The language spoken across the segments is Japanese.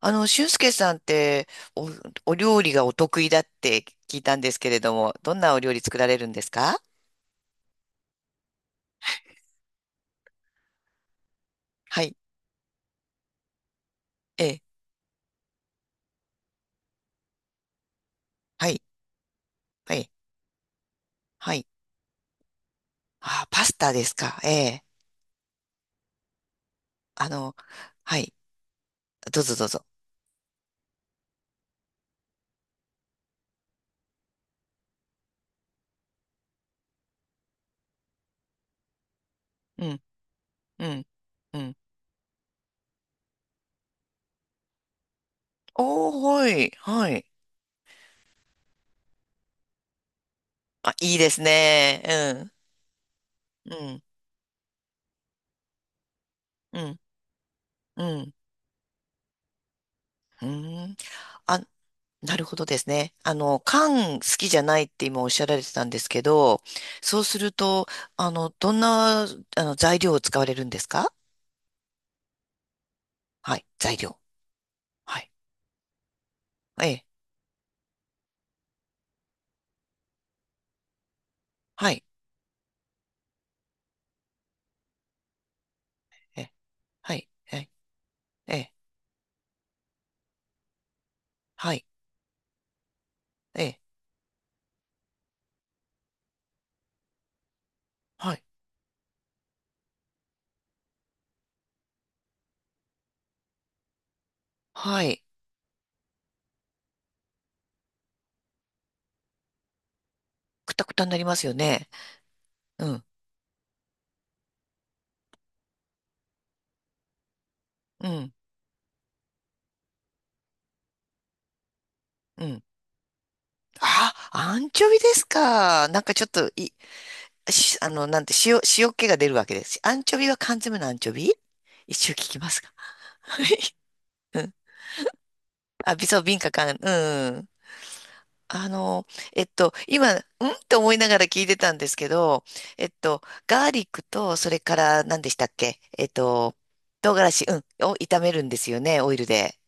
俊介さんってお、お料理がお得意だって聞いたんですけれども、どんなお料理作られるんですか？はい。ええ。はい、はい、はい。あ、パスタですか？ええ。あの、はい、どうぞどうぞ。うん、うん、うん。おー、はい、はい。あ、いいですね。うん、うん、うん、うん。うん。あ、なるほどですね。缶好きじゃないって今おっしゃられてたんですけど、そうすると、あの、どんな、あの、材料を使われるんですか？はい、材料。はい。ええ、はい、ええ、はい、ええ、ええ、はい、ええ、はい、はい。くたくたになりますよね。うん、うん、うん。あ、アンチョビですか。なんかちょっと、い、し、あの、なんて、塩、塩気が出るわけです。アンチョビは缶詰のアンチョビ、一応聞きますか。はい。あ、びそう、敏感かん、うん。あの、今、んって思いながら聞いてたんですけど、えっと、ガーリックと、それから何でしたっけ？唐辛子、うん、を炒めるんですよね、オイルで。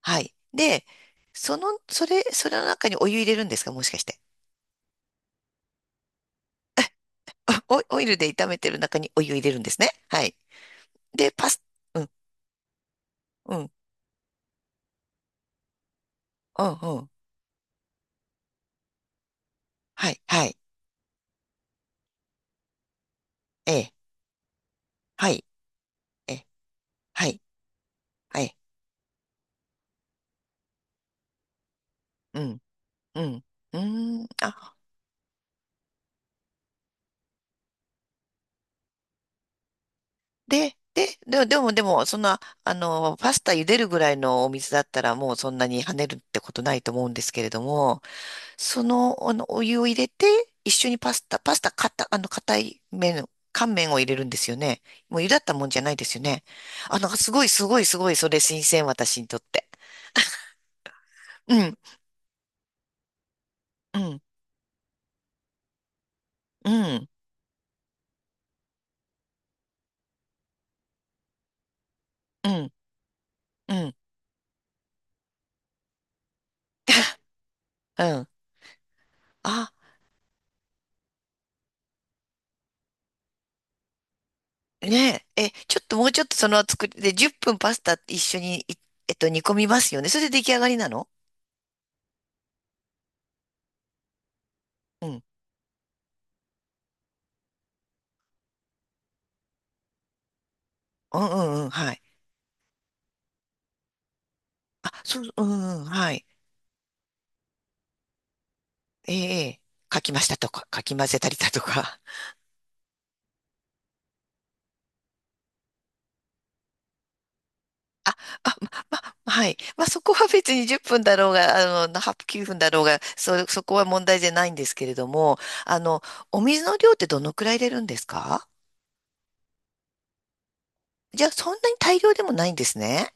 はい。で、それの中にお湯入れるんですか、もしかして。オイルで炒めてる中にお湯入れるんですね。はい。で、パス、うん、うん、うん、うん。はい、はい、ええ、はい、ええ、はい、はい、うん、うん。うーん、あ、でも、そんな、パスタ茹でるぐらいのお水だったらもうそんなに跳ねるってことないと思うんですけれども、お湯を入れて、一緒にパスタ、パスタ、かた、あの、硬い麺、乾麺を入れるんですよね。もう茹だったもんじゃないですよね。あ、なんかすごい、それ新鮮、私にとって。うん、うん、うん、うん、うん、うん。あ、ねえ、え、ちょっともうちょっとその作りで、10分パスタ一緒に、えっと、煮込みますよね。それで出来上がりなの？うんうんうんうん、はい。あ、そう、うんうん、はい。ええ、かき混ぜたりだとか。あ、あ、ま、はい。まあ、そこは別に10分だろうが、8、9分だろうが、そこは問題じゃないんですけれども、あの、お水の量ってどのくらい入れるんですか？じゃあ、そんなに大量でもないんですね。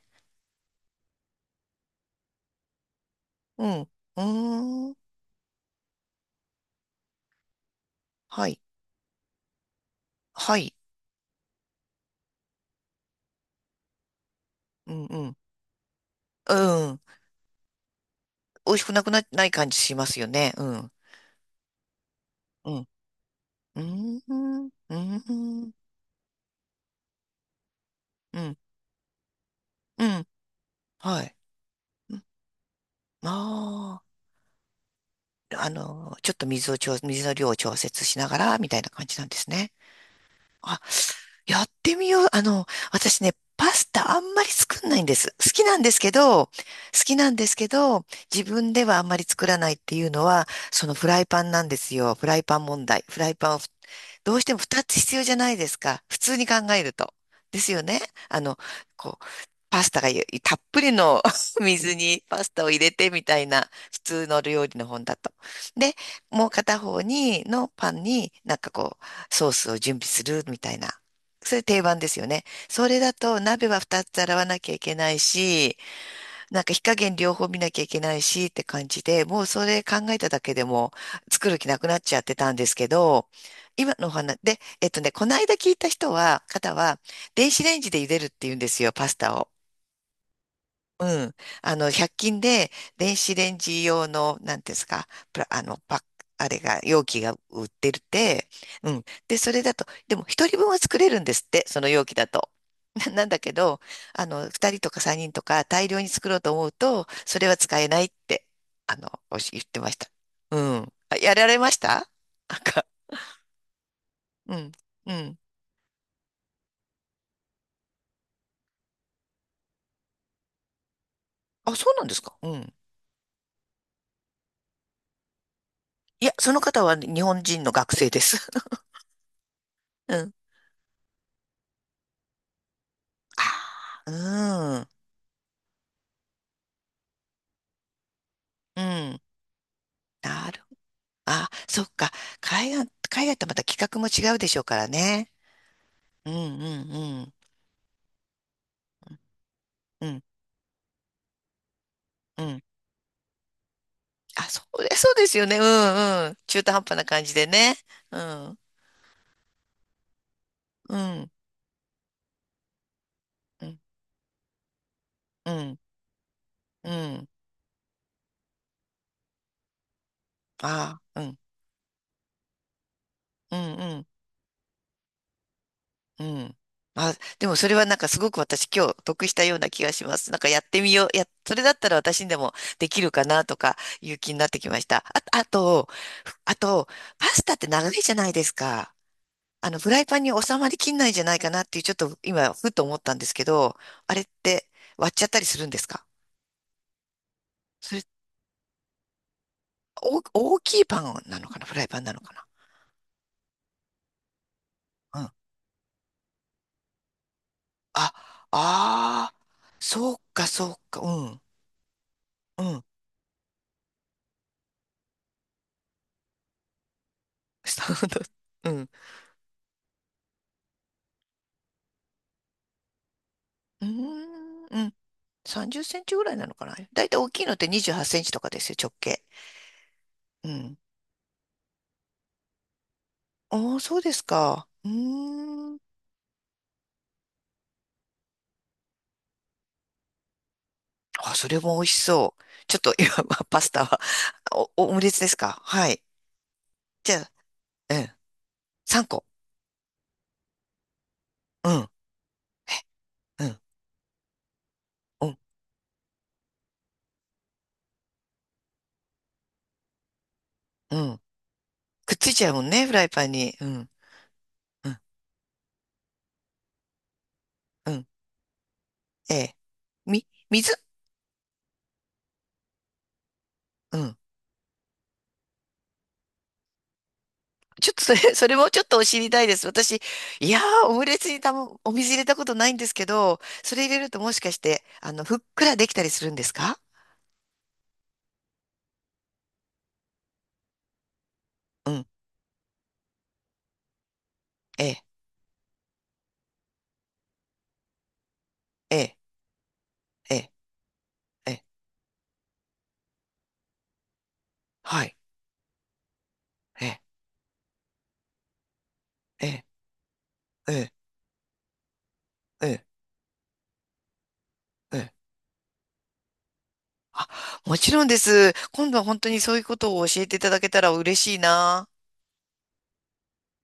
うん。うーん。はい。はい。うん、うん。うん。美味しくなくな、ない感じしますよね。うん。うん。うーん。うーん。うん。うん。はい。ああー、ちょっと水の量を調節しながら、みたいな感じなんですね。あ、やってみよう。私ね、パスタあんまり作んないんです。好きなんですけど、自分ではあんまり作らないっていうのは、そのフライパンなんですよ。フライパン問題。フライパンをどうしても2つ必要じゃないですか。普通に考えると。ですよね。あの、こう、パスタがゆ、たっぷりの 水にパスタを入れてみたいな、普通の料理の本だと。で、もう片方のパンになんかこう、ソースを準備するみたいな。それ定番ですよね。それだと鍋は2つ洗わなきゃいけないし、なんか火加減両方見なきゃいけないしって感じで、もうそれ考えただけでも作る気なくなっちゃってたんですけど、今のお話で、えっとね、この間聞いた人は、方は、電子レンジで茹でるって言うんですよ、パスタを。うん。100均で電子レンジ用の、なんていうんですか、プラ、あの、パック、あれが、容器が売ってるって。うん。で、それだと、でも一人分は作れるんですって、その容器だと。なんだけど、二人とか三人とか大量に作ろうと思うと、それは使えないって、言ってました。うん。あ、やられました。 なんか、うん。うん。あ、そうなんですか。うん。いや、その方は日本人の学生です。うん。ああ、うん。うん。なる。あ、そっか。海外とまた企画も違うでしょうからね。うんうんうん。うんうん。あ、それ、そうですよね。うんうん。中途半端な感じでね。うん。うんうんうんうん。ああ、うんうんうんうん。あ、でもそれはなんかすごく私今日得したような気がします。なんかやってみよう。や、それだったら私にでもできるかなとかいう気になってきました。あ、あと、あと、パスタって長いじゃないですか。フライパンに収まりきんないんじゃないかなっていう、ちょっと今、ふっと思ったんですけど、あれって割っちゃったりするんですか？それ、お、大きいパンなのかな、フライパンなのかな？うん。あ、ああそうか、そうか、うん、うん。そうだ、うん。うーん、うん。30センチぐらいなのかな、だいたい大きいのって28センチとかですよ、直径。うん。ああ、そうですか。うーん。あ、それも美味しそう。ちょっと今、パスタは、オムレツですか、はい。じゃあ、うん。3個。うん。うん。うん。うん。くっついちゃうもんね、フライパンに。うん。うん。うん。ええ。水、うん。ちょっとそれ、それもちょっと知りたいです。いやー、オムレツにたも、お水入れたことないんですけど、それ入れるともしかして、ふっくらできたりするんですか？うん。ええ、ええ、ええ、ええ、はい。ええ、ええ、ええ、ええ、ええ。あ、もちろんです。今度は本当にそういうことを教えていただけたら嬉しいな。